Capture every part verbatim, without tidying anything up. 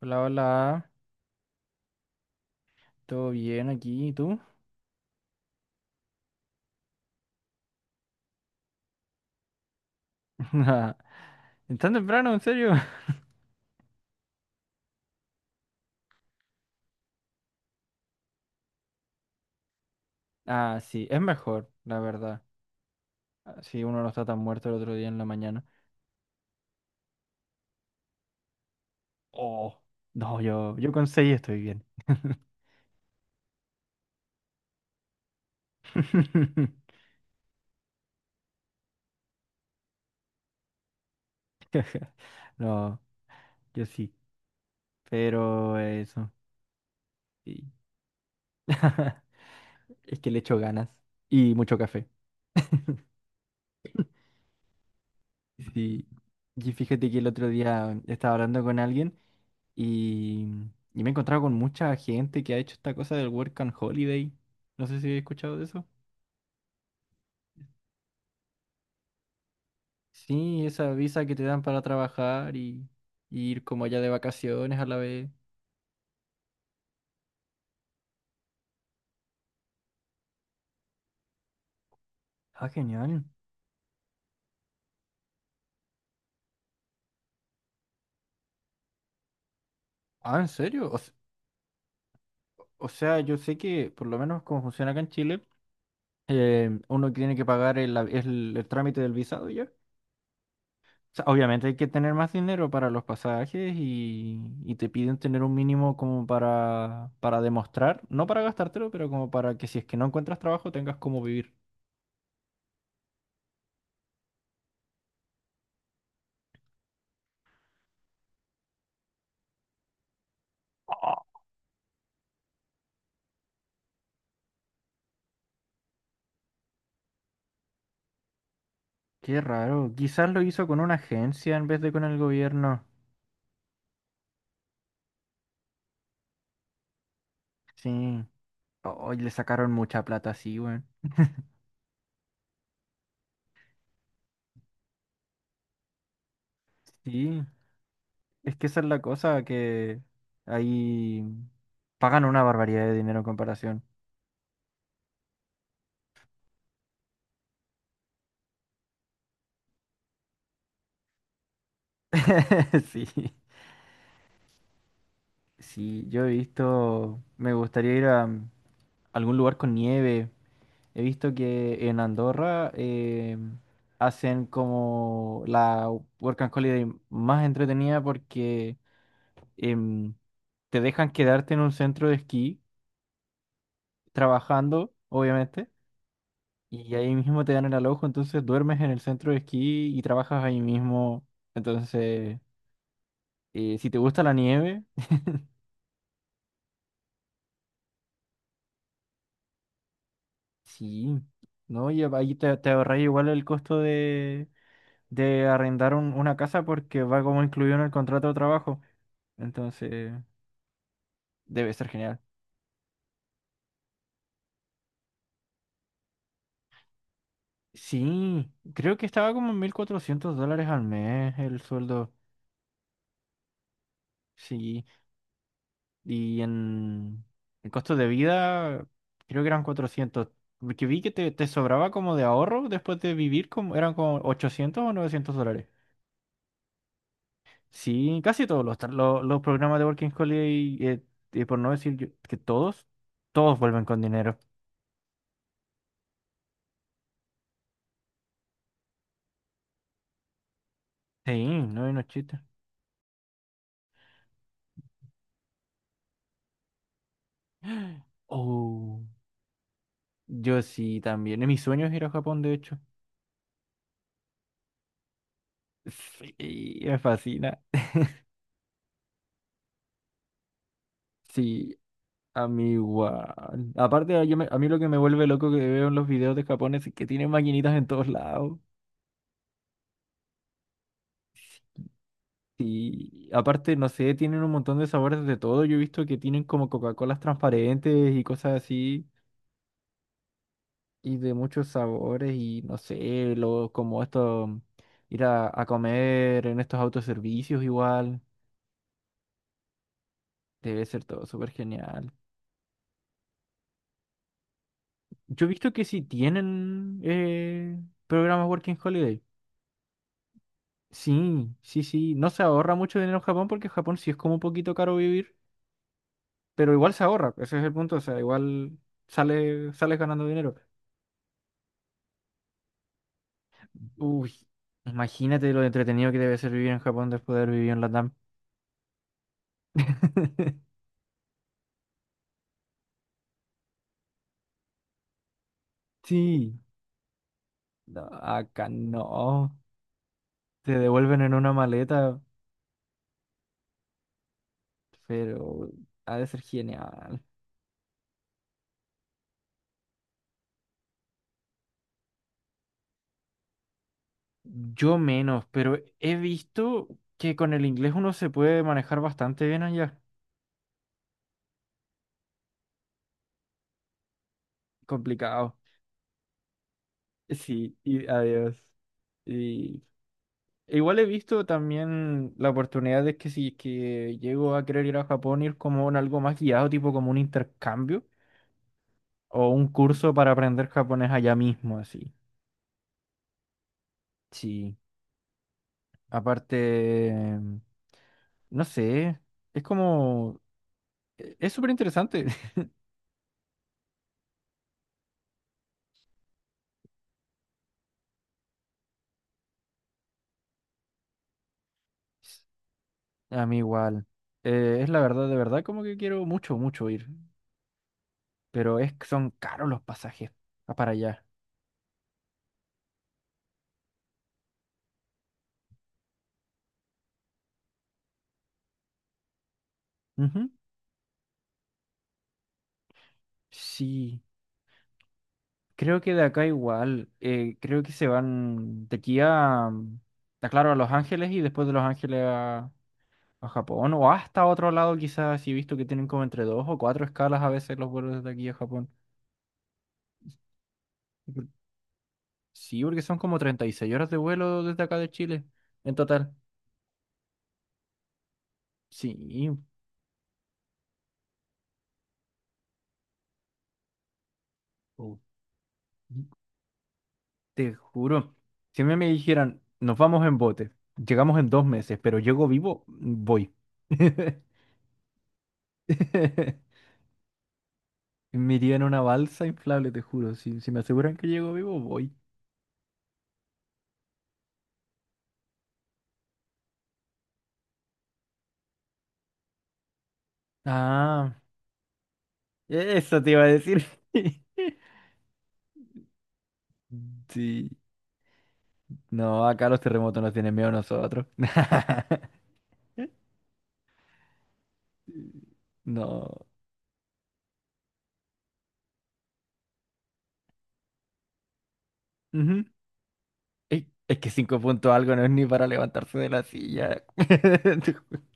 Hola, hola, ¿todo bien aquí? ¿Y tú? ¿Es tan temprano, en serio? Ah, sí, es mejor, la verdad. Ah, si uno no está tan muerto el otro día en la mañana. Oh, no, yo, yo con seis estoy bien. No, yo sí, pero eso, sí. Es que le echo ganas y mucho café. Sí. Y fíjate que el otro día estaba hablando con alguien y, y me he encontrado con mucha gente que ha hecho esta cosa del Work and Holiday. No sé si he escuchado de eso. Sí, esa visa que te dan para trabajar y, y ir como allá de vacaciones a la vez. Ah, genial. Ah, ¿en serio? O, s- o sea, yo sé que por lo menos como funciona acá en Chile, eh, uno tiene que pagar el, el el trámite del visado ya. Sea, obviamente hay que tener más dinero para los pasajes y, y te piden tener un mínimo como para, para demostrar, no para gastártelo, pero como para que si es que no encuentras trabajo tengas cómo vivir. Qué raro, quizás lo hizo con una agencia en vez de con el gobierno. Sí, hoy le sacaron mucha plata, sí, güey. Sí, es que esa es la cosa, que ahí pagan una barbaridad de dinero en comparación. Sí, sí, yo he visto, me gustaría ir a algún lugar con nieve. He visto que en Andorra eh, hacen como la Work and Holiday más entretenida porque em, te dejan quedarte en un centro de esquí trabajando, obviamente, y ahí mismo te dan el alojo, entonces duermes en el centro de esquí y trabajas ahí mismo. Entonces, eh, si te gusta la nieve, sí, ¿no? Y ahí te, te ahorras igual el costo de de arrendar un- una casa porque va como incluido en el contrato de trabajo. Entonces, debe ser genial. Sí, creo que estaba como en mil cuatrocientos dólares al mes el sueldo. Sí, y en el costo de vida creo que eran cuatrocientos. Porque vi que te, te sobraba como de ahorro después de vivir, como eran como ochocientos o novecientos dólares. Sí, casi todos los, tra- lo- los programas de Working Holiday, eh, eh, por no decir yo- que todos, todos vuelven con dinero. Sí, no hay no es chiste. Oh, yo sí también. En mis sueños ir a Japón, de hecho. Sí, me fascina. Sí, a mí igual. Aparte, a, yo me- a mí lo que me vuelve loco que veo en los videos de Japón es que tienen maquinitas en todos lados. Y aparte, no sé, tienen un montón de sabores de todo. Yo he visto que tienen como Coca-Colas transparentes y cosas así. Y de muchos sabores y no sé, lo, como esto, ir a, a comer en estos autoservicios igual. Debe ser todo súper genial. Yo he visto que sí tienen eh, programas Working Holiday. Sí, sí, sí. No se ahorra mucho dinero en Japón porque en Japón sí es como un poquito caro vivir, pero igual se ahorra. Ese es el punto. O sea, igual sale, sales ganando dinero. Uy, imagínate lo entretenido que debe ser vivir en Japón después de haber vivido en Latam. Sí, no, acá no. Te devuelven en una maleta, pero ha de ser genial. Yo menos, pero he visto que con el inglés uno se puede manejar bastante bien allá. Complicado. Sí, y adiós. Y igual he visto también la oportunidad de que si es que llego a querer ir a Japón, ir como en algo más guiado, tipo como un intercambio o un curso para aprender japonés allá mismo, así. Sí. Aparte, no sé, es como, e-, es súper interesante. A mí igual. Eh, es la verdad, de verdad, como que quiero mucho, mucho ir. Pero es que son caros los pasajes a- para allá. Ujú. Sí, creo que de acá igual. Eh, creo que se van de aquí a, mm, a, claro, a Los Ángeles y después de Los Ángeles a, a Japón o hasta otro lado quizás. Si he visto que tienen como entre dos o cuatro escalas a veces los vuelos desde aquí a Japón. Por- Sí, porque son como treinta y seis horas de vuelo desde acá de Chile en total. Sí. Oh. Te juro, si a mí me dijeran, nos vamos en bote, llegamos en dos meses, pero llego vivo, voy. Me iría en una balsa inflable, te juro. Si, si me aseguran que llego vivo, voy. Ah, eso te iba a decir. Sí. No, acá los terremotos nos tienen miedo a nosotros. No. Ujú. Ey, es que cinco puntos algo no es ni para levantarse de la silla.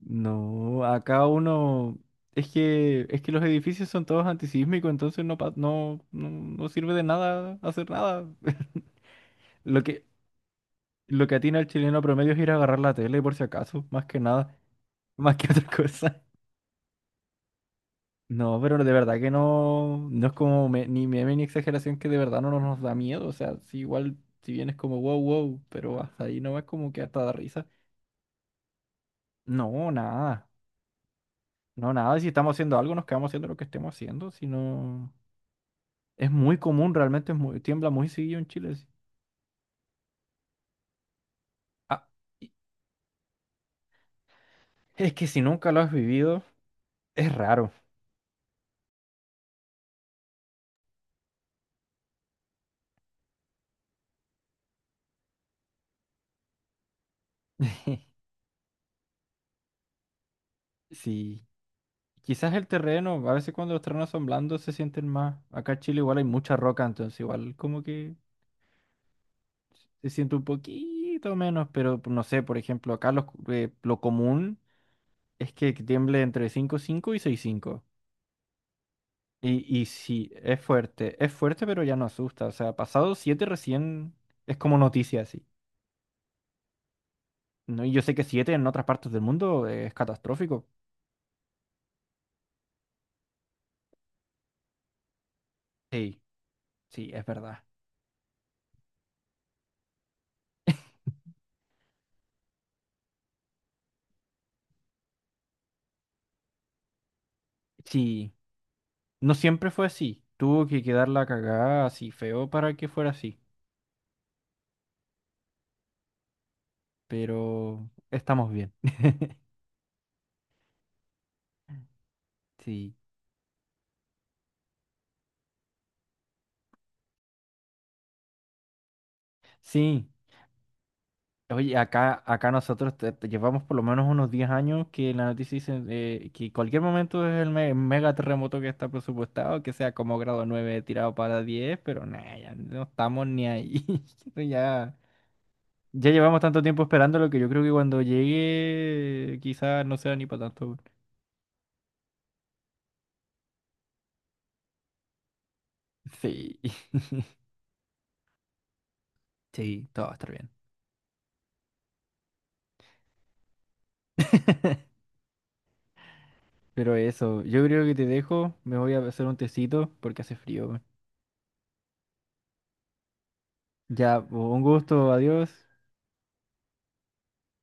No, acá uno. Es que, es que los edificios son todos antisísmicos, entonces no, pa- no, no, no sirve de nada hacer nada. Lo que, lo que atina al chileno promedio es ir a agarrar la tele por si acaso, más que nada, más que otra cosa. No, pero de verdad que no, no es como me- ni meme ni exageración que de verdad no nos da miedo. O sea, si igual, si bien es como wow, wow, pero hasta ahí no es como que hasta da risa. No, nada. No, nada. Si estamos haciendo algo, nos quedamos haciendo lo que estemos haciendo. Si no. Es muy común, realmente es muy, tiembla muy seguido en Chile. Sí. Ah, y- es que si nunca lo has vivido, es raro. Sí, quizás el terreno, a veces cuando los terrenos son blandos se sienten más. Acá en Chile igual hay mucha roca, entonces igual como que se siente un poquito menos, pero no sé, por ejemplo, acá los- eh, lo común es que tiemble entre cinco coma cinco y seis coma cinco. Y, y sí, es fuerte, es fuerte, pero ya no asusta. O sea, pasado siete recién es como noticia, sí. No, y yo sé que siete en otras partes del mundo es catastrófico. Sí, sí, es verdad. Sí, no siempre fue así. Tuvo que quedar la cagada así feo para que fuera así. Pero estamos bien. Sí, sí. Oye, acá, acá nosotros te- te llevamos por lo menos unos diez años que la noticia dice eh, que cualquier momento es el me- mega terremoto que está presupuestado, que sea como grado nueve tirado para diez, pero nada, ya no estamos ni ahí. Esto ya. Ya llevamos tanto tiempo esperándolo que yo creo que cuando llegue quizás no sea ni para tanto, weón. Sí, sí, todo va a estar bien. Pero eso, yo creo que te dejo, me voy a hacer un tecito porque hace frío, weón. Ya, un gusto, adiós.